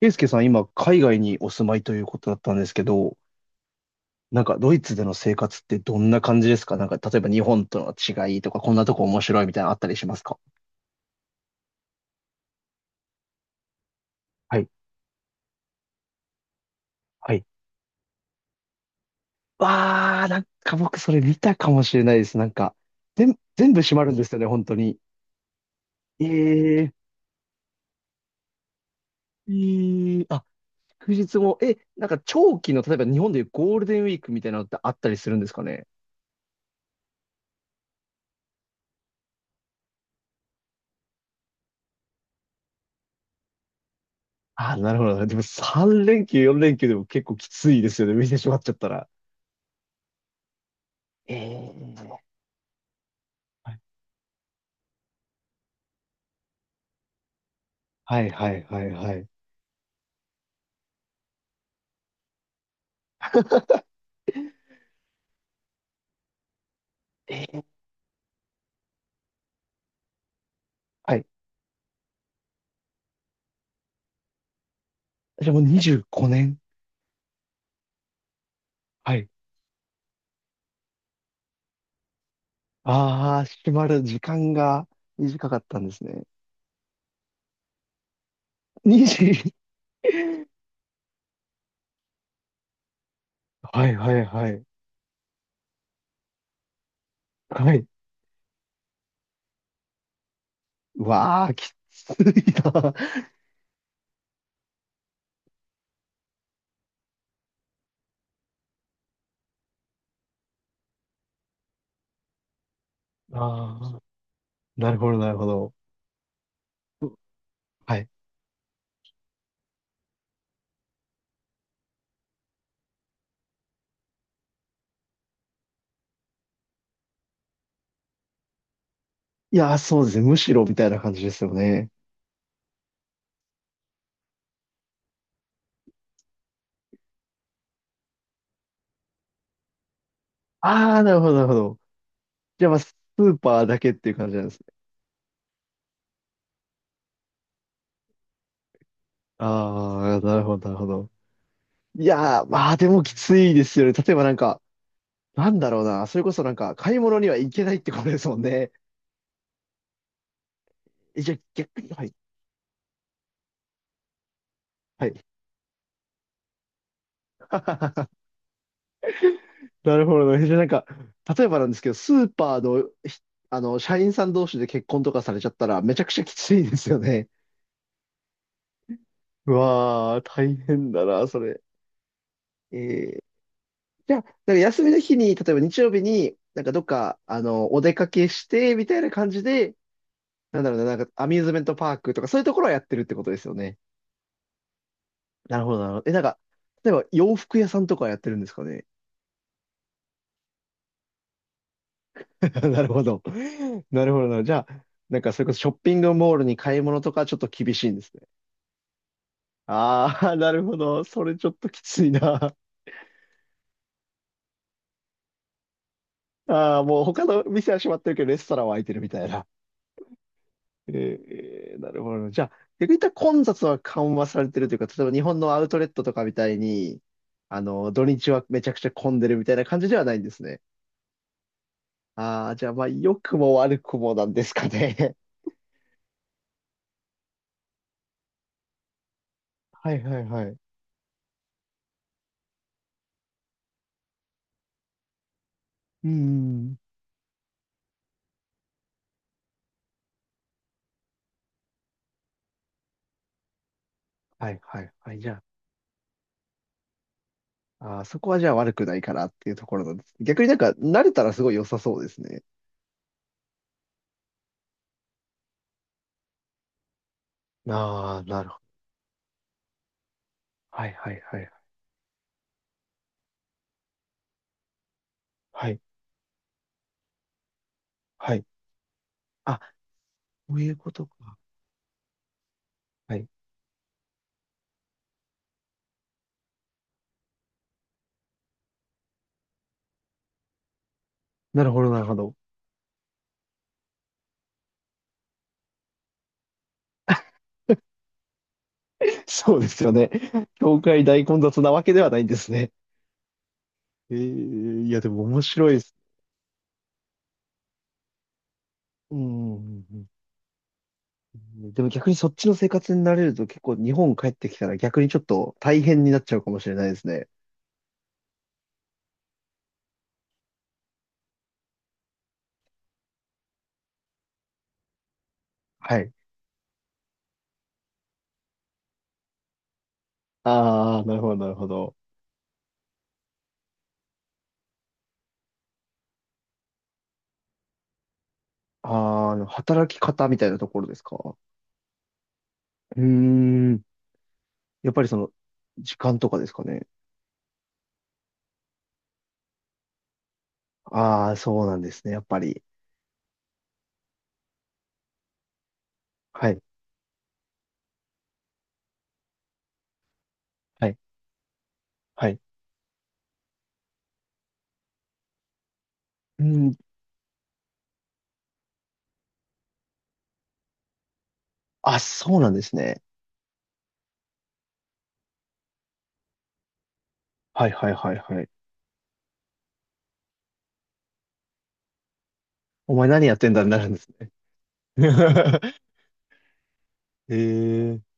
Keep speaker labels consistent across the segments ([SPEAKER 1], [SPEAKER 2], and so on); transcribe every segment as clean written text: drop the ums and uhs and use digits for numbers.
[SPEAKER 1] ケイスケさん、今、海外にお住まいということだったんですけど、なんか、ドイツでの生活ってどんな感じですか？なんか、例えば日本との違いとか、こんなとこ面白いみたいなのあったりしますか？はい。はい。わー、なんか僕、それ見たかもしれないです。なんか、全部閉まるんですよね、本当に。えー、あ、祝日も、なんか、長期の、例えば日本でいうゴールデンウィークみたいなのってあったりするんですかね？あー、なるほど。でも、3連休、4連休でも結構きついですよね、見てしまっちゃったら。えーはいはいはいはい。えーはい。じゃあもう25年。はい。ああ、閉まる時間が短かったんですね。20。はいはいはい。はい。うわあ、きついな。ああ、なるほどなるほど。はい。いやー、そうですね。むしろみたいな感じですよね。ああ、なるほどなるほど。じゃあまあ、スーパーだけっていう感じなんですね。ああ、なるほどなるほど。いやー、まあでもきついですよね。例えばなんか、なんだろうな。それこそなんか、買い物には行けないってことですもんね。じゃあ逆に、はい。はい。なるほどね。じゃあなんか、例えばなんですけど、スーパーの、ひあの、社員さん同士で結婚とかされちゃったら、めちゃくちゃきついですよね。うわー、大変だな、それ。えー、じゃあ、なんか休みの日に、例えば日曜日に、なんかどっか、お出かけして、みたいな感じで、なんだろうな、なんかアミューズメントパークとか、そういうところはやってるってことですよね。なるほど、なるほど。なんか、例えば洋服屋さんとかはやってるんですかね。なるほど。なるほどな。じゃあ、なんかそれこそショッピングモールに買い物とかちょっと厳しいんですね。ああ、なるほど。それちょっときついな。ああ、もう他の店は閉まってるけど、レストランは開いてるみたいな。なるほど。じゃあ、逆に言ったら混雑は緩和されてるというか、例えば日本のアウトレットとかみたいに、土日はめちゃくちゃ混んでるみたいな感じではないんですね。ああ、じゃあ、まあ、良くも悪くもなんですかね。はいはいはい。うん。はいはいはい。じゃあああ、そこはじゃあ悪くないかなっていうところなんです。逆になんか慣れたらすごい良さそうですね。ああ、なるほど。はいはいはい。はい。はい。あ、そういうことか。はい。なるほどなるほど。そうですよね。教会大混雑なわけではないんですね。ええ、いや、でも面白いです。うんうんうんうん。でも逆にそっちの生活に慣れると結構日本帰ってきたら逆にちょっと大変になっちゃうかもしれないですね。はい。ああ、なるほどなるほど。ああ、働き方みたいなところですか？うーん。やっぱりその、時間とかですかね。ああ、そうなんですね。やっぱり。はい。はい。はい。うん。あ、そうなんですね。はいはいはいはい。お前何やってんだになるんですね。へえ、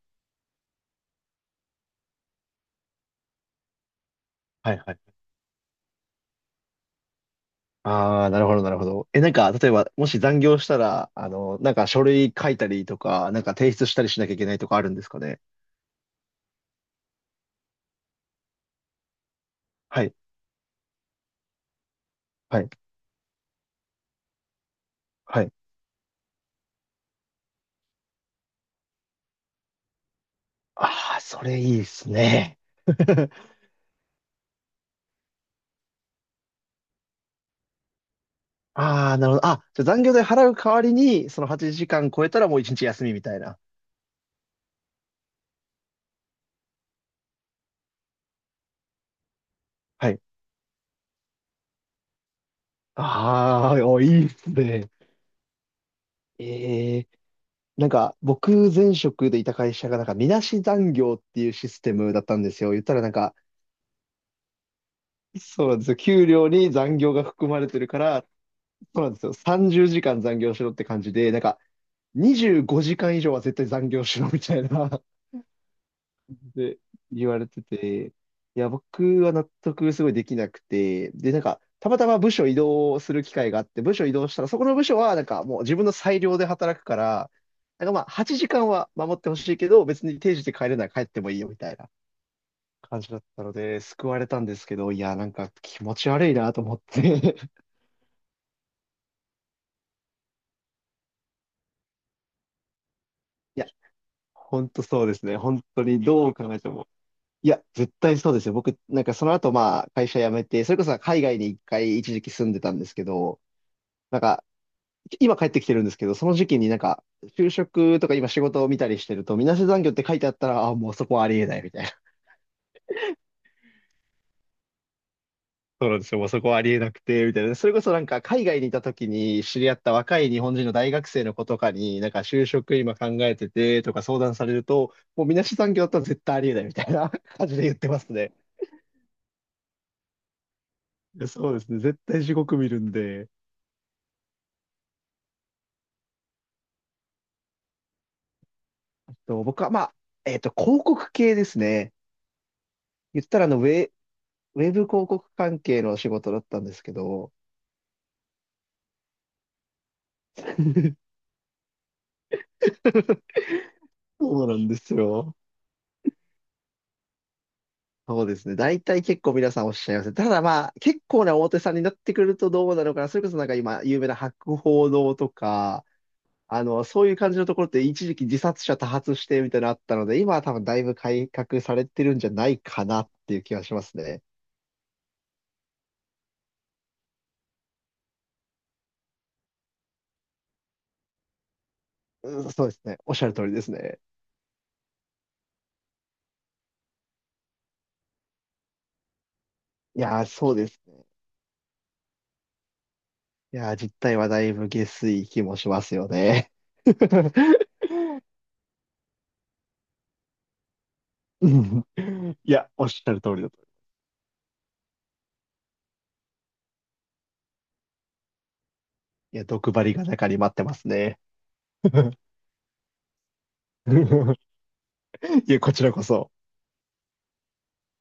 [SPEAKER 1] はいはい。ああ、なるほどなるほど。なんか、例えば、もし残業したら、なんか書類書いたりとか、なんか提出したりしなきゃいけないとかあるんですかね。はい。はい。はい。ああ、それいいですね。ああ、なるほど。あ、じゃあ残業代払う代わりに、その8時間超えたらもう1日休みみたいな。はい。ああ、おいいっすね。ええ、なんか、僕、前職でいた会社が、なんか、みなし残業っていうシステムだったんですよ。言ったらなんか、そうなんですよ。給料に残業が含まれてるから、そうなんですよ。30時間残業しろって感じで、なんか、25時間以上は絶対残業しろみたいな。で、言われてて、いや、僕は納得すごいできなくて、で、なんか、たまたま部署移動する機会があって、部署移動したら、そこの部署は、なんかもう自分の裁量で働くから、なんかまあ、8時間は守ってほしいけど、別に定時で帰れないら帰ってもいいよみたいな感じだったので、救われたんですけど、いや、なんか気持ち悪いなと思って。いや、本当そうですね。本当にどう考えても。いや、絶対そうですよ。僕、なんかその後まあ、会社辞めて、それこそ海外に一回一時期住んでたんですけど、なんか、今帰ってきてるんですけど、その時期になんか、就職とか今仕事を見たりしてると、みなし残業って書いてあったら、あ、もうそこはありえないみたいな。そうなんですよ。もうそこはありえなくて、みたいな。それこそなんか、海外にいた時に知り合った若い日本人の大学生の子とかに、なんか就職今考えててとか相談されると、もうみなし残業だったら絶対ありえないみたいな 感じで言ってますね。そうですね。絶対地獄見るんで。と僕はまあ、広告系ですね。言ったらウェブ広告関係の仕事だったんですけど、そうなんですよ。そうですね。大体結構皆さんおっしゃいますね。ただまあ、結構な大手さんになってくるとどうなのかな。それこそなんか今、有名な博報堂とか、そういう感じのところって一時期自殺者多発してみたいなのあったので、今は多分だいぶ改革されてるんじゃないかなっていう気がしますね。うん、そうですね。おっしゃる通りですね。いやー、そうですね。いやー、実態はだいぶ下水気もしますよね。うん、いや、おっしゃる通りだと。いや、毒針が中に待ってますね。いやこちらこそ。